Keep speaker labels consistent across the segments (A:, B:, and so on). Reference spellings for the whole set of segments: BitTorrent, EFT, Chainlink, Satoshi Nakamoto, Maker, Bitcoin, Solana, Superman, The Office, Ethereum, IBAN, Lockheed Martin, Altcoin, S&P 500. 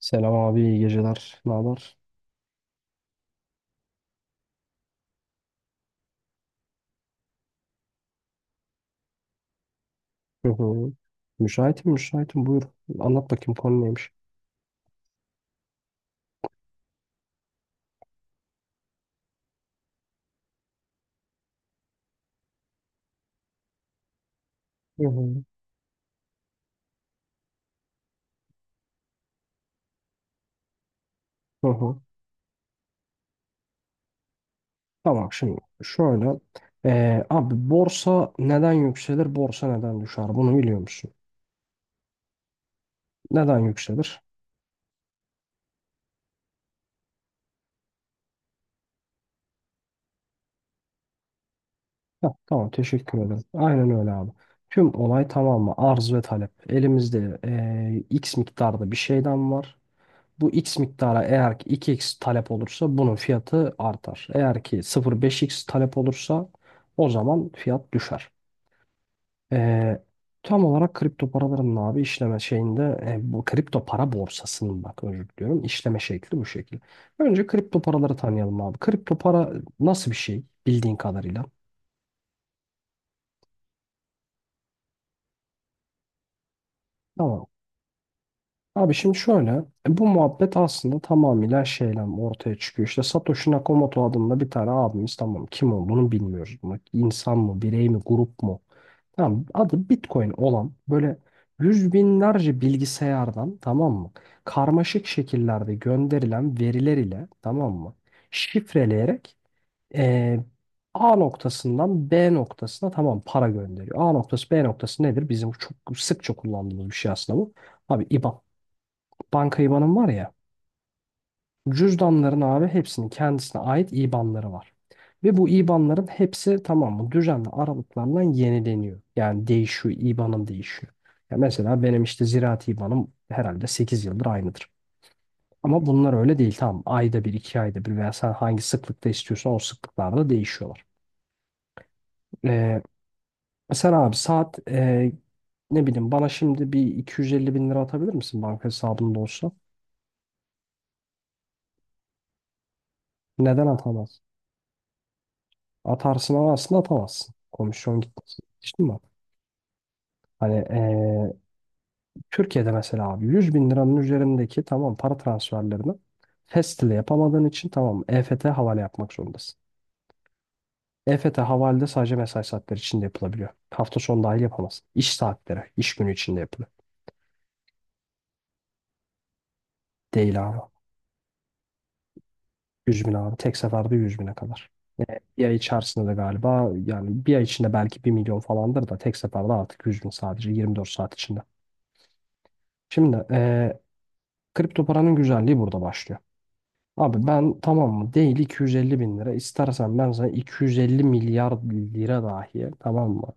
A: Selam abi, iyi geceler. Ne haber? Hı hı. Müşahitim, müşahitim. Buyur. Anlat bakayım konu neymiş? Hı hı. Hı hı. Tamam, şimdi şöyle. Abi borsa neden yükselir, borsa neden düşer? Bunu biliyor musun? Neden yükselir? Heh, tamam, teşekkür ederim. Aynen öyle abi. Tüm olay tamam mı? Arz ve talep. Elimizde X miktarda bir şeyden var. Bu x miktara eğer ki 2x talep olursa bunun fiyatı artar. Eğer ki 0,5x talep olursa o zaman fiyat düşer. Ee, tam olarak kripto paraların abi işleme şeyinde bu kripto para borsasının, bak özür diliyorum, işleme şekli bu şekil. Önce kripto paraları tanıyalım abi. Kripto para nasıl bir şey bildiğin kadarıyla? Tamam. Abi şimdi şöyle, bu muhabbet aslında tamamıyla şeyle ortaya çıkıyor. İşte Satoshi Nakamoto adında bir tane abimiz, tamam, kim olduğunu bilmiyoruz. Bak, insan mı, birey mi, grup mu? Tamam, adı Bitcoin olan böyle yüz binlerce bilgisayardan, tamam mı? Karmaşık şekillerde gönderilen veriler ile, tamam mı? Şifreleyerek e, A noktasından B noktasına tamam para gönderiyor. A noktası B noktası nedir? Bizim çok sıkça kullandığımız bir şey aslında bu. Abi IBAN, banka IBAN'ım var ya. Cüzdanların abi hepsinin kendisine ait IBAN'ları var. Ve bu IBAN'ların hepsi, tamam mı, düzenli aralıklarla yenileniyor. Yani değişiyor, IBAN'ım değişiyor. Ya mesela benim işte ziraat IBAN'ım herhalde 8 yıldır aynıdır. Ama bunlar öyle değil, tamam. Ayda bir, iki ayda bir veya sen hangi sıklıkta istiyorsan o sıklıklarda değişiyorlar. Ee, sen abi saat ne bileyim, bana şimdi bir 250 bin lira atabilir misin banka hesabında olsa? Neden atamaz? Atarsın ama aslında atamazsın. Komisyon gitmesin. Geçtin mi? Hani Türkiye'de mesela abi 100 bin liranın üzerindeki tamam para transferlerini fest ile yapamadığın için tamam EFT havale yapmak zorundasın. EFT havalede sadece mesai saatleri içinde yapılabiliyor. Hafta sonu dahil yapamazsın. İş saatleri, iş günü içinde yapılıyor. Değil abi. 100 bin abi. Tek seferde 100 bine kadar. Bir ay içerisinde de galiba, yani bir ay içinde belki bir milyon falandır da tek seferde artık 100 bin sadece 24 saat içinde. Şimdi kripto paranın güzelliği burada başlıyor. Abi ben tamam mı değil 250 bin lira istersen ben sana 250 milyar lira dahi, tamam mı?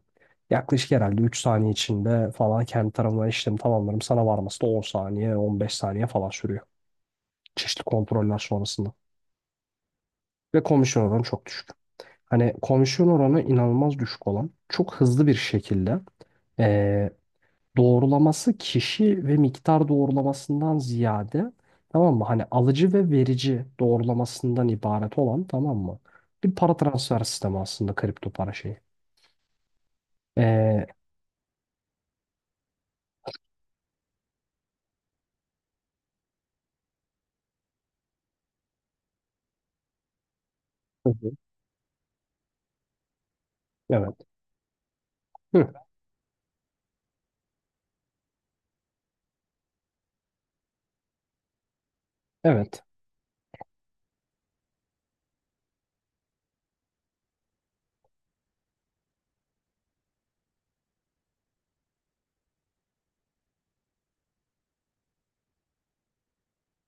A: Yaklaşık herhalde 3 saniye içinde falan kendi tarafından işlemi tamamlarım. Sana varması da 10 saniye 15 saniye falan sürüyor. Çeşitli kontroller sonrasında. Ve komisyon oranı çok düşük. Hani komisyon oranı inanılmaz düşük olan, çok hızlı bir şekilde eee, doğrulaması kişi ve miktar doğrulamasından ziyade, tamam mı, hani alıcı ve verici doğrulamasından ibaret olan, tamam mı, bir para transfer sistemi aslında kripto para şeyi. Ee, Hı hı. Evet. Hı, evet.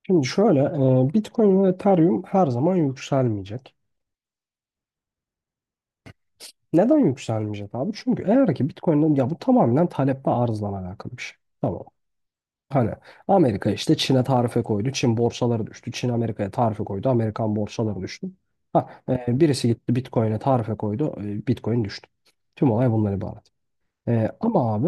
A: Şimdi şöyle, Bitcoin ve Ethereum her zaman yükselmeyecek. Neden yükselmeyecek abi? Çünkü eğer ki Bitcoin'in, ya, bu tamamen talep ve arzla alakalı bir şey. Tamam. Hani Amerika işte Çin'e tarife koydu. Çin borsaları düştü. Çin Amerika'ya tarife koydu. Amerikan borsaları düştü. Ha, birisi gitti Bitcoin'e tarife koydu. Bitcoin düştü. Tüm olay bundan ibaret. Ama abi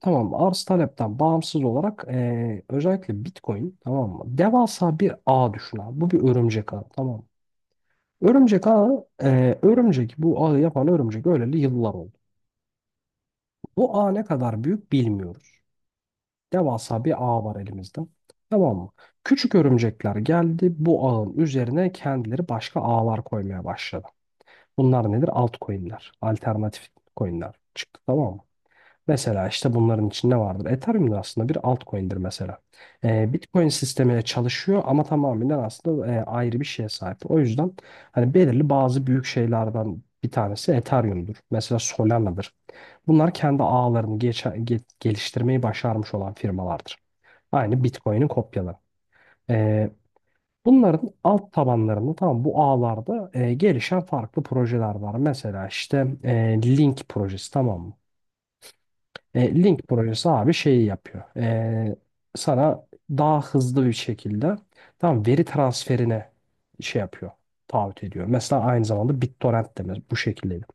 A: tamam arz talepten bağımsız olarak özellikle Bitcoin, tamam mı? Devasa bir ağ düşün abi. Bu bir örümcek ağı, tamam mı? Örümcek ağı, örümcek, bu ağı yapan örümcek öleli yıllar oldu. Bu ağ ne kadar büyük bilmiyoruz. Devasa bir ağ var elimizde. Tamam mı? Küçük örümcekler geldi. Bu ağın üzerine kendileri başka ağlar koymaya başladı. Bunlar nedir? Altcoin'ler. Alternatif coin'ler çıktı, tamam mı? Mesela işte bunların içinde ne vardır. Ethereum da aslında bir altcoin'dir mesela. Bitcoin sistemiyle çalışıyor ama tamamen aslında ayrı bir şeye sahip. O yüzden hani belirli bazı büyük şeylerden bir tanesi Ethereum'dur. Mesela Solana'dır. Bunlar kendi ağlarını geliştirmeyi başarmış olan firmalardır. Aynı Bitcoin'in kopyaları. Ee, bunların alt tabanlarında tamam bu ağlarda gelişen farklı projeler var. Mesela işte Link projesi, tamam mı? Link projesi abi şeyi yapıyor. Sana daha hızlı bir şekilde tamam veri transferine şey yapıyor. Taahhüt ediyor. Mesela aynı zamanda BitTorrent de bu şekildeydi.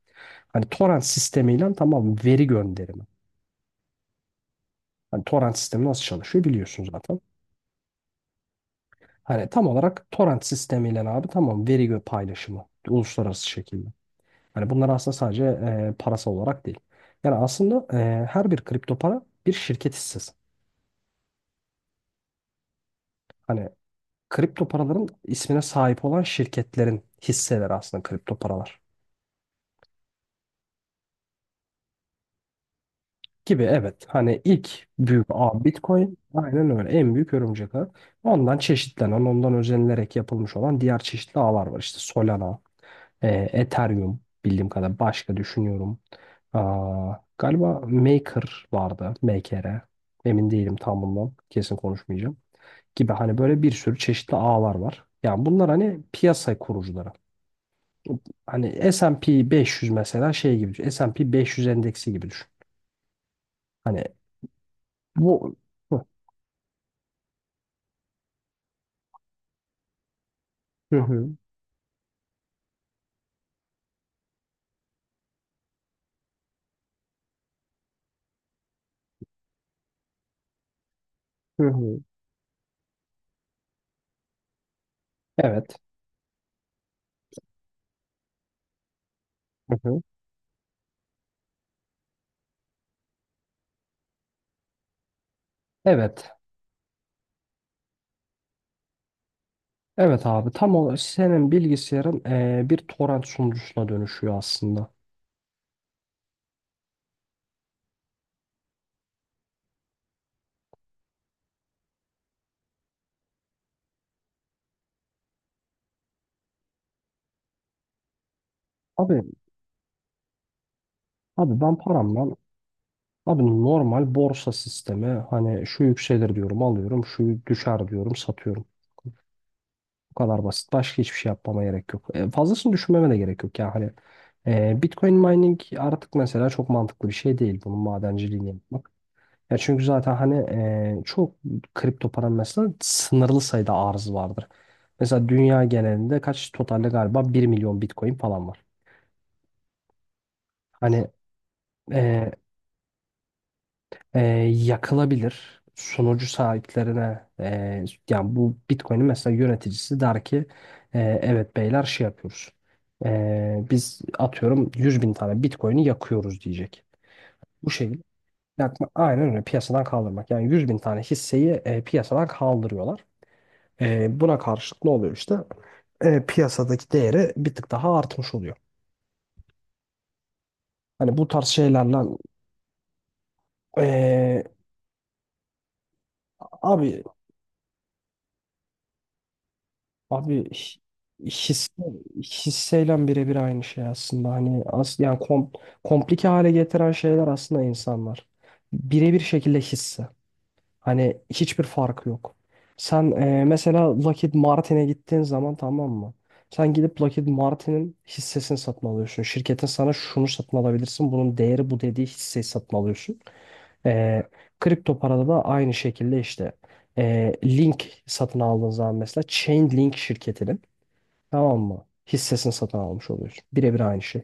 A: Hani torrent sistemiyle tamam veri gönderimi. Hani torrent sistemi nasıl çalışıyor biliyorsunuz zaten. Hani tam olarak torrent sistemiyle abi tamam veri paylaşımı uluslararası şekilde. Hani bunlar aslında sadece parasal olarak değil. Yani aslında her bir kripto para bir şirket hissesi. Hani kripto paraların ismine sahip olan şirketlerin hisseleri aslında kripto paralar. Gibi, evet. Hani ilk büyük ağ Bitcoin, aynen öyle, en büyük örümcek ağı. Ondan çeşitlenen, ondan özenilerek yapılmış olan diğer çeşitli ağlar var. İşte Solana. E, Ethereum bildiğim kadar başka düşünüyorum. Aa, galiba Maker vardı. Maker'e. Emin değilim tam bundan. Kesin konuşmayacağım. Gibi hani böyle bir sürü çeşitli ağlar var. Yani bunlar hani piyasa kurucuları. Hani S&P 500 mesela şey gibi düşün. S&P 500 endeksi gibi düşün. Hani bu. Hı hı hı hı. Evet. Hı hı. Evet. Evet abi, tam olarak senin bilgisayarın bir torrent sunucusuna dönüşüyor aslında. Abi Abi ben paramdan abi normal borsa sistemi hani şu yükselir diyorum alıyorum, şu düşer diyorum satıyorum. Bu kadar basit. Başka hiçbir şey yapmama gerek yok. Fazlasını düşünmeme de gerek yok. Yani hani Bitcoin mining artık mesela çok mantıklı bir şey değil, bunun madenciliğini yapmak. Ya çünkü zaten hani çok kripto paranın mesela sınırlı sayıda arzı vardır. Mesela dünya genelinde kaç totalde galiba bir milyon Bitcoin falan var. Hani e, e, yakılabilir. Sunucu sahiplerine yani bu Bitcoin'in mesela yöneticisi der ki evet beyler şey yapıyoruz. Biz atıyorum 100 bin tane Bitcoin'i yakıyoruz diyecek. Bu şekilde yakma, aynen öyle, piyasadan kaldırmak. Yani 100 bin tane hisseyi piyasadan kaldırıyorlar. Buna karşılık ne oluyor işte? Piyasadaki değeri bir tık daha artmış oluyor. Hani bu tarz şeylerle e, abi Abi hi- hisse, hisseyle birebir aynı şey aslında. Hani yani komplike hale getiren şeyler aslında insanlar. Birebir şekilde hisse. Hani hiçbir farkı yok. Sen mesela Lockheed Martin'e gittiğin zaman, tamam mı? Sen gidip Lockheed Martin'in hissesini satın alıyorsun. Şirketin sana şunu satın alabilirsin. Bunun değeri bu dediği hisseyi satın alıyorsun. E, kripto parada da aynı şekilde işte Link satın aldığın zaman mesela Chainlink şirketinin, tamam mı, hissesini satın almış oluyorsun. Birebir aynı şey.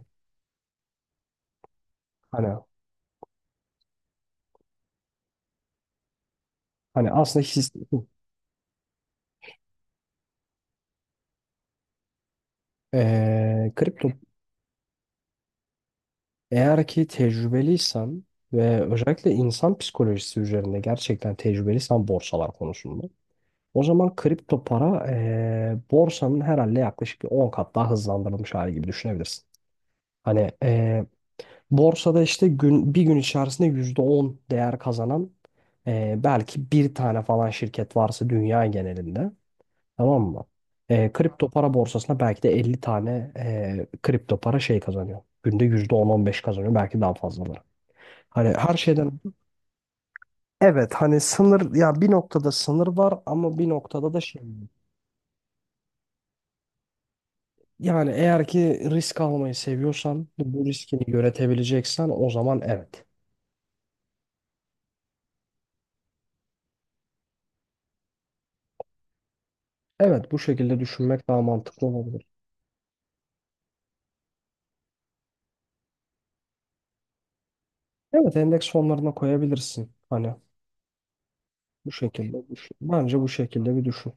A: Hani hani aslında his, kripto eğer ki tecrübeliysen ve özellikle insan psikolojisi üzerinde gerçekten tecrübeliysen borsalar konusunda, o zaman kripto para borsanın herhalde yaklaşık bir 10 kat daha hızlandırılmış hali gibi düşünebilirsin. Hani borsada işte gün bir gün içerisinde %10 değer kazanan belki bir tane falan şirket varsa dünya genelinde, tamam mı? Kripto para borsasına belki de 50 tane kripto para şey kazanıyor. Günde %10-15 kazanıyor. Belki daha fazlaları. Hani her şeyden evet, hani sınır, ya bir noktada sınır var ama bir noktada da şey yok. Yani eğer ki risk almayı seviyorsan bu riskini yönetebileceksen o zaman evet. Evet, bu şekilde düşünmek daha mantıklı olabilir. Evet, endeks fonlarına koyabilirsin. Hani bu şekilde düşün. Bence bu şekilde bir düşün.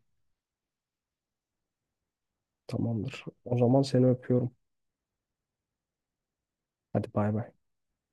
A: Tamamdır. O zaman seni öpüyorum. Hadi bay bay.